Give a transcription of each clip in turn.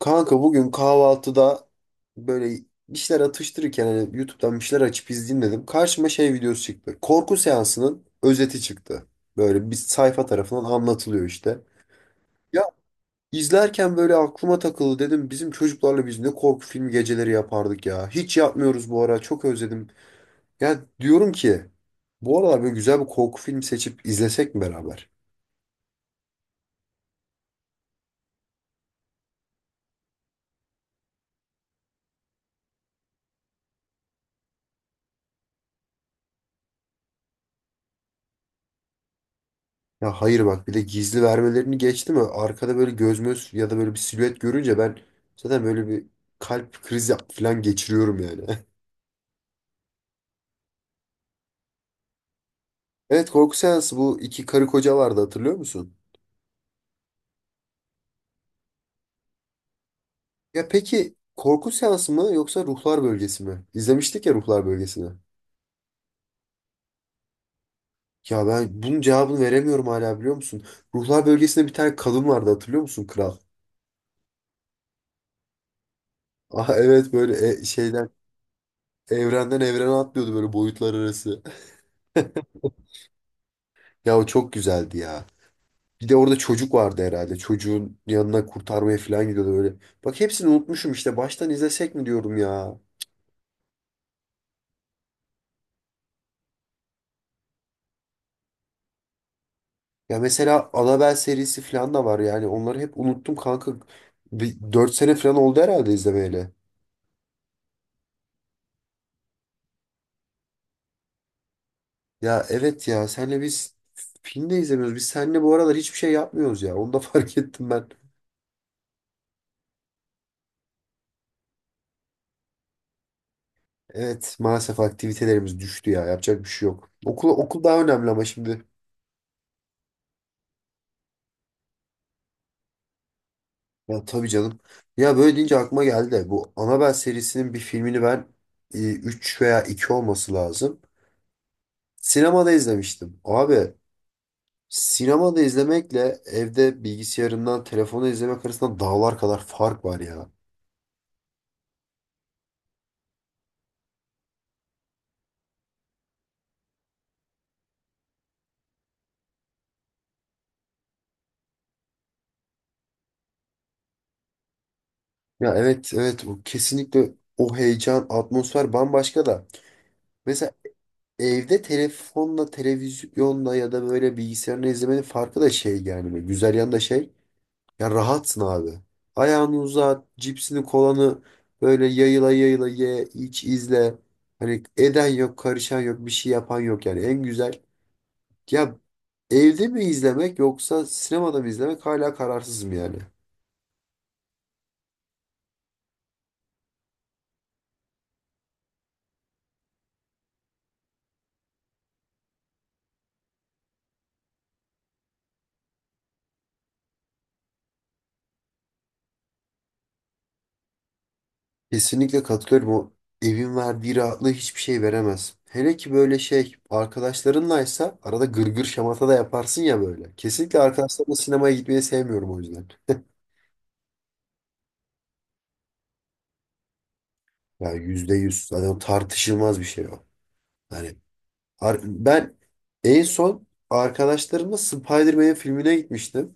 Kanka bugün kahvaltıda böyle bir şeyler atıştırırken hani YouTube'dan bir şeyler açıp izleyeyim dedim. Karşıma şey videosu çıktı. Korku seansının özeti çıktı. Böyle bir sayfa tarafından anlatılıyor işte. Ya izlerken böyle aklıma takıldı dedim bizim çocuklarla biz ne korku filmi geceleri yapardık ya. Hiç yapmıyoruz bu ara çok özledim. Ya diyorum ki bu aralar böyle güzel bir korku filmi seçip izlesek mi beraber? Ya hayır bak bir de gizli vermelerini geçti mi arkada böyle göz möz ya da böyle bir silüet görünce ben zaten böyle bir kalp krizi falan geçiriyorum yani. Evet korku seansı bu iki karı koca vardı hatırlıyor musun? Ya peki korku seansı mı yoksa ruhlar bölgesi mi? İzlemiştik ya ruhlar bölgesini. Ya ben bunun cevabını veremiyorum hala biliyor musun? Ruhlar bölgesinde bir tane kadın vardı hatırlıyor musun kral? Ah evet böyle şeyden evrenden evrene atlıyordu böyle boyutlar arası. Ya o çok güzeldi ya. Bir de orada çocuk vardı herhalde. Çocuğun yanına kurtarmaya falan gidiyordu böyle. Bak hepsini unutmuşum işte. Baştan izlesek mi diyorum ya. Ya mesela Annabelle serisi falan da var yani. Onları hep unuttum kanka. Bir 4 sene falan oldu herhalde izlemeyeli. Ya evet ya senle biz film de izlemiyoruz. Biz seninle bu aralar hiçbir şey yapmıyoruz ya. Onu da fark ettim ben. Evet maalesef aktivitelerimiz düştü ya. Yapacak bir şey yok. Okul, okul daha önemli ama şimdi. Ya tabii canım. Ya böyle deyince aklıma geldi de bu Annabelle serisinin bir filmini ben 3 veya 2 olması lazım. Sinemada izlemiştim. Abi sinemada izlemekle evde bilgisayarından telefonu izlemek arasında dağlar kadar fark var ya. Ya evet evet o kesinlikle o heyecan atmosfer bambaşka da. Mesela evde telefonla televizyonla ya da böyle bilgisayarla izlemenin farkı da şey yani güzel yanı da şey. Ya rahatsın abi. Ayağını uzat, cipsini kolanı böyle yayıla yayıla ye, iç, izle. Hani eden yok, karışan yok, bir şey yapan yok yani. En güzel. Ya evde mi izlemek yoksa sinemada mı izlemek hala kararsızım yani. Kesinlikle katılıyorum. O evin verdiği rahatlığı hiçbir şey veremez. Hele ki böyle şey arkadaşlarınlaysa arada gırgır şamata da yaparsın ya böyle. Kesinlikle arkadaşlarımla sinemaya gitmeyi sevmiyorum o yüzden. Ya yüzde yüz. Zaten tartışılmaz bir şey o. Yani Ben en son arkadaşlarımla Spider-Man filmine gitmiştim.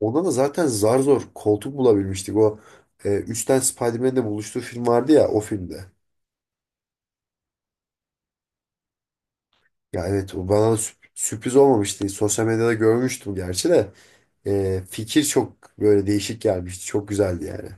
Ona da zaten zar zor koltuk bulabilmiştik. O üçten Spider-Man'le buluştuğu film vardı ya o filmde. Ya evet o bana da sürpriz olmamıştı. Sosyal medyada görmüştüm gerçi de. E, fikir çok böyle değişik gelmişti. Çok güzeldi yani.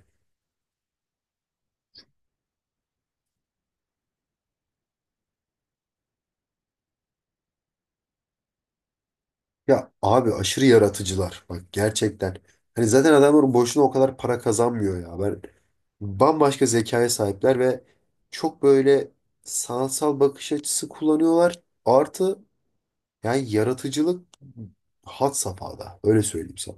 Ya abi aşırı yaratıcılar bak gerçekten. Hani zaten adamlar boşuna o kadar para kazanmıyor ya. Ben bambaşka zekaya sahipler ve çok böyle sanatsal bakış açısı kullanıyorlar. Artı yani yaratıcılık had safhada öyle söyleyeyim sana.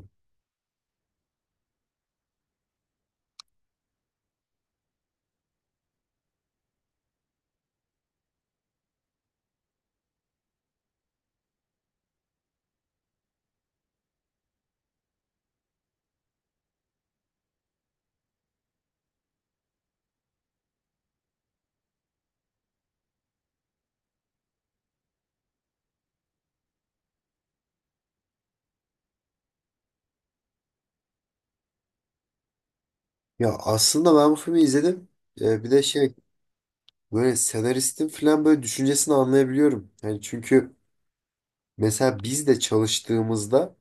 Ya aslında ben bu filmi izledim. Bir de şey böyle senaristin falan böyle düşüncesini anlayabiliyorum. Yani çünkü mesela biz de çalıştığımızda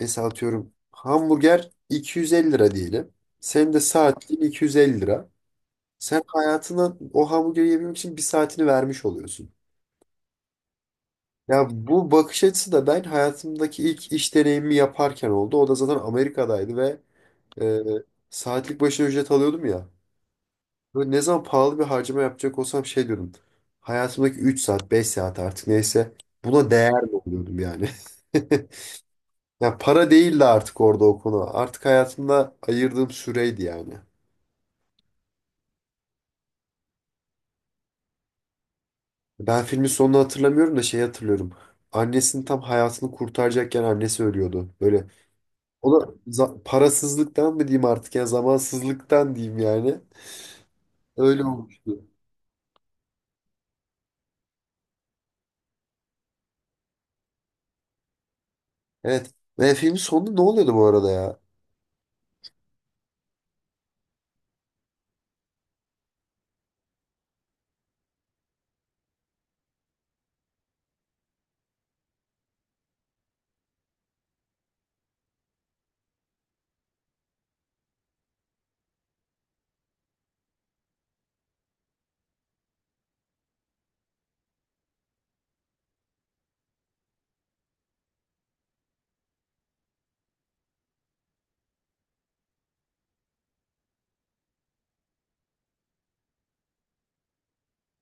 mesela atıyorum hamburger 250 lira diyelim. Senin de saatliğin 250 lira. Sen hayatına o hamburgeri yemek için bir saatini vermiş oluyorsun. Ya bu bakış açısı da ben hayatımdaki ilk iş deneyimi yaparken oldu. O da zaten Amerika'daydı ve e, saatlik başına ücret alıyordum ya. Böyle ne zaman pahalı bir harcama yapacak olsam şey diyordum. Hayatımdaki 3 saat, 5 saat artık neyse buna değer mi oluyordum yani? Ya para değildi artık orada o konu. Artık hayatımda ayırdığım süreydi yani. Ben filmin sonunu hatırlamıyorum da şeyi hatırlıyorum. Annesinin tam hayatını kurtaracakken annesi ölüyordu. Böyle o da parasızlıktan mı diyeyim artık ya zamansızlıktan diyeyim yani. Öyle olmuştu. Evet. Ve filmin sonunda ne oluyordu bu arada ya?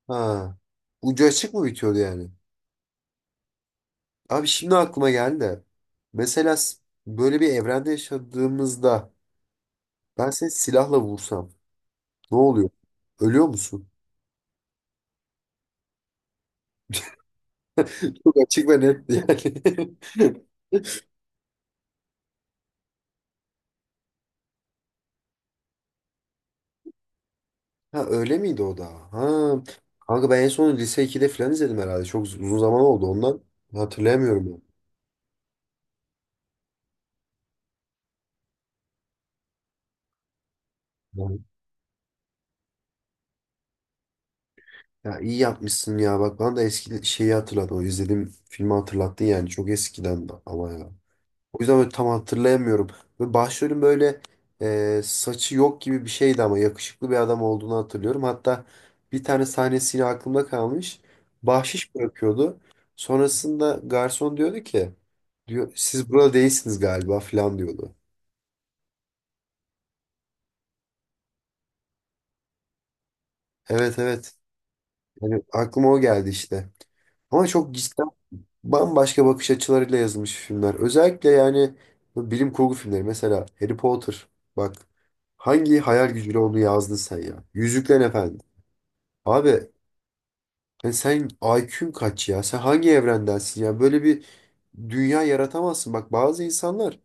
Ha. Ucu açık mı bitiyordu yani? Abi şimdi aklıma geldi de. Mesela böyle bir evrende yaşadığımızda ben seni silahla vursam ne oluyor? Ölüyor musun? Çok açık ve netti yani. Ha öyle miydi o da? Ha. Kanka ben en son lise ikide falan izledim herhalde. Çok uzun zaman oldu ondan. Hatırlayamıyorum ya. Yani. Ya iyi yapmışsın ya. Bak bana da eski şeyi hatırlattın. O izlediğim filmi hatırlattın yani. Çok eskiden ama ya. O yüzden böyle tam hatırlayamıyorum. Ve başrolün böyle saçı yok gibi bir şeydi ama yakışıklı bir adam olduğunu hatırlıyorum. Hatta bir tane sahnesi yine aklımda kalmış. Bahşiş bırakıyordu. Sonrasında garson diyordu ki diyor siz burada değilsiniz galiba falan diyordu. Evet evet. Yani aklıma o geldi işte. Ama çok cidden bambaşka bakış açılarıyla yazılmış filmler. Özellikle yani bu bilim kurgu filmleri mesela Harry Potter. Bak hangi hayal gücüyle onu yazdın sen ya? Yüzüklerin Efendisi. Abi sen IQ'un kaç ya? Sen hangi evrendensin ya? Böyle bir dünya yaratamazsın. Bak bazı insanlar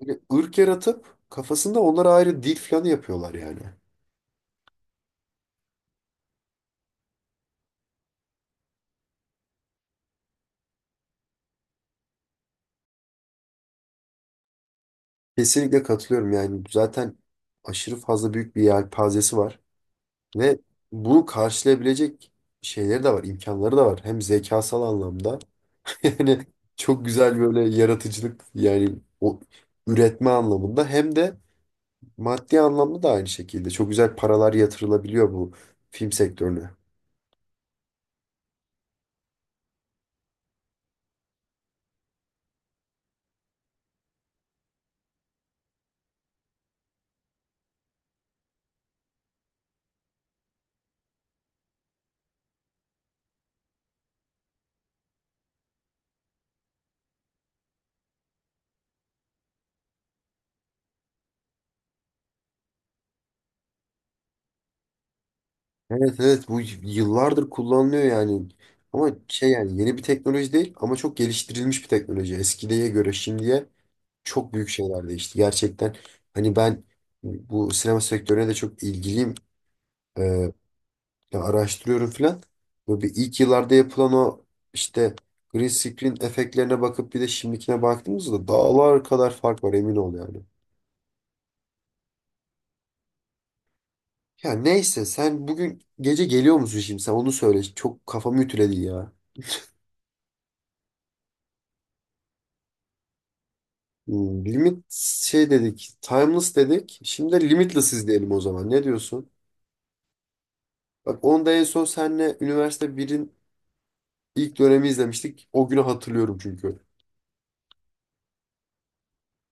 böyle ırk yaratıp kafasında onlara ayrı dil falan yapıyorlar yani. Kesinlikle katılıyorum yani. Zaten aşırı fazla büyük bir yelpazesi var. Ve bunu karşılayabilecek şeyleri de var, imkanları da var. Hem zekasal anlamda yani çok güzel böyle yaratıcılık yani o üretme anlamında hem de maddi anlamda da aynı şekilde. Çok güzel paralar yatırılabiliyor bu film sektörüne. Evet evet bu yıllardır kullanılıyor yani. Ama şey yani yeni bir teknoloji değil ama çok geliştirilmiş bir teknoloji. Eskiye göre şimdiye çok büyük şeyler değişti. Gerçekten hani ben bu sinema sektörüne de çok ilgiliyim. Ya araştırıyorum filan. Böyle bir ilk yıllarda yapılan o işte green screen efektlerine bakıp bir de şimdikine baktığımızda dağlar kadar fark var emin ol yani. Ya neyse sen bugün gece geliyor musun şimdi sen onu söyle. Çok kafamı ütüledi ya. Limit şey dedik, timeless dedik. Şimdi de limitless izleyelim o zaman. Ne diyorsun? Bak onu da en son senle üniversite birin ilk dönemi izlemiştik. O günü hatırlıyorum çünkü.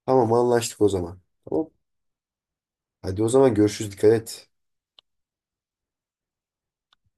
Tamam anlaştık o zaman. Tamam. Hadi o zaman görüşürüz. Dikkat et.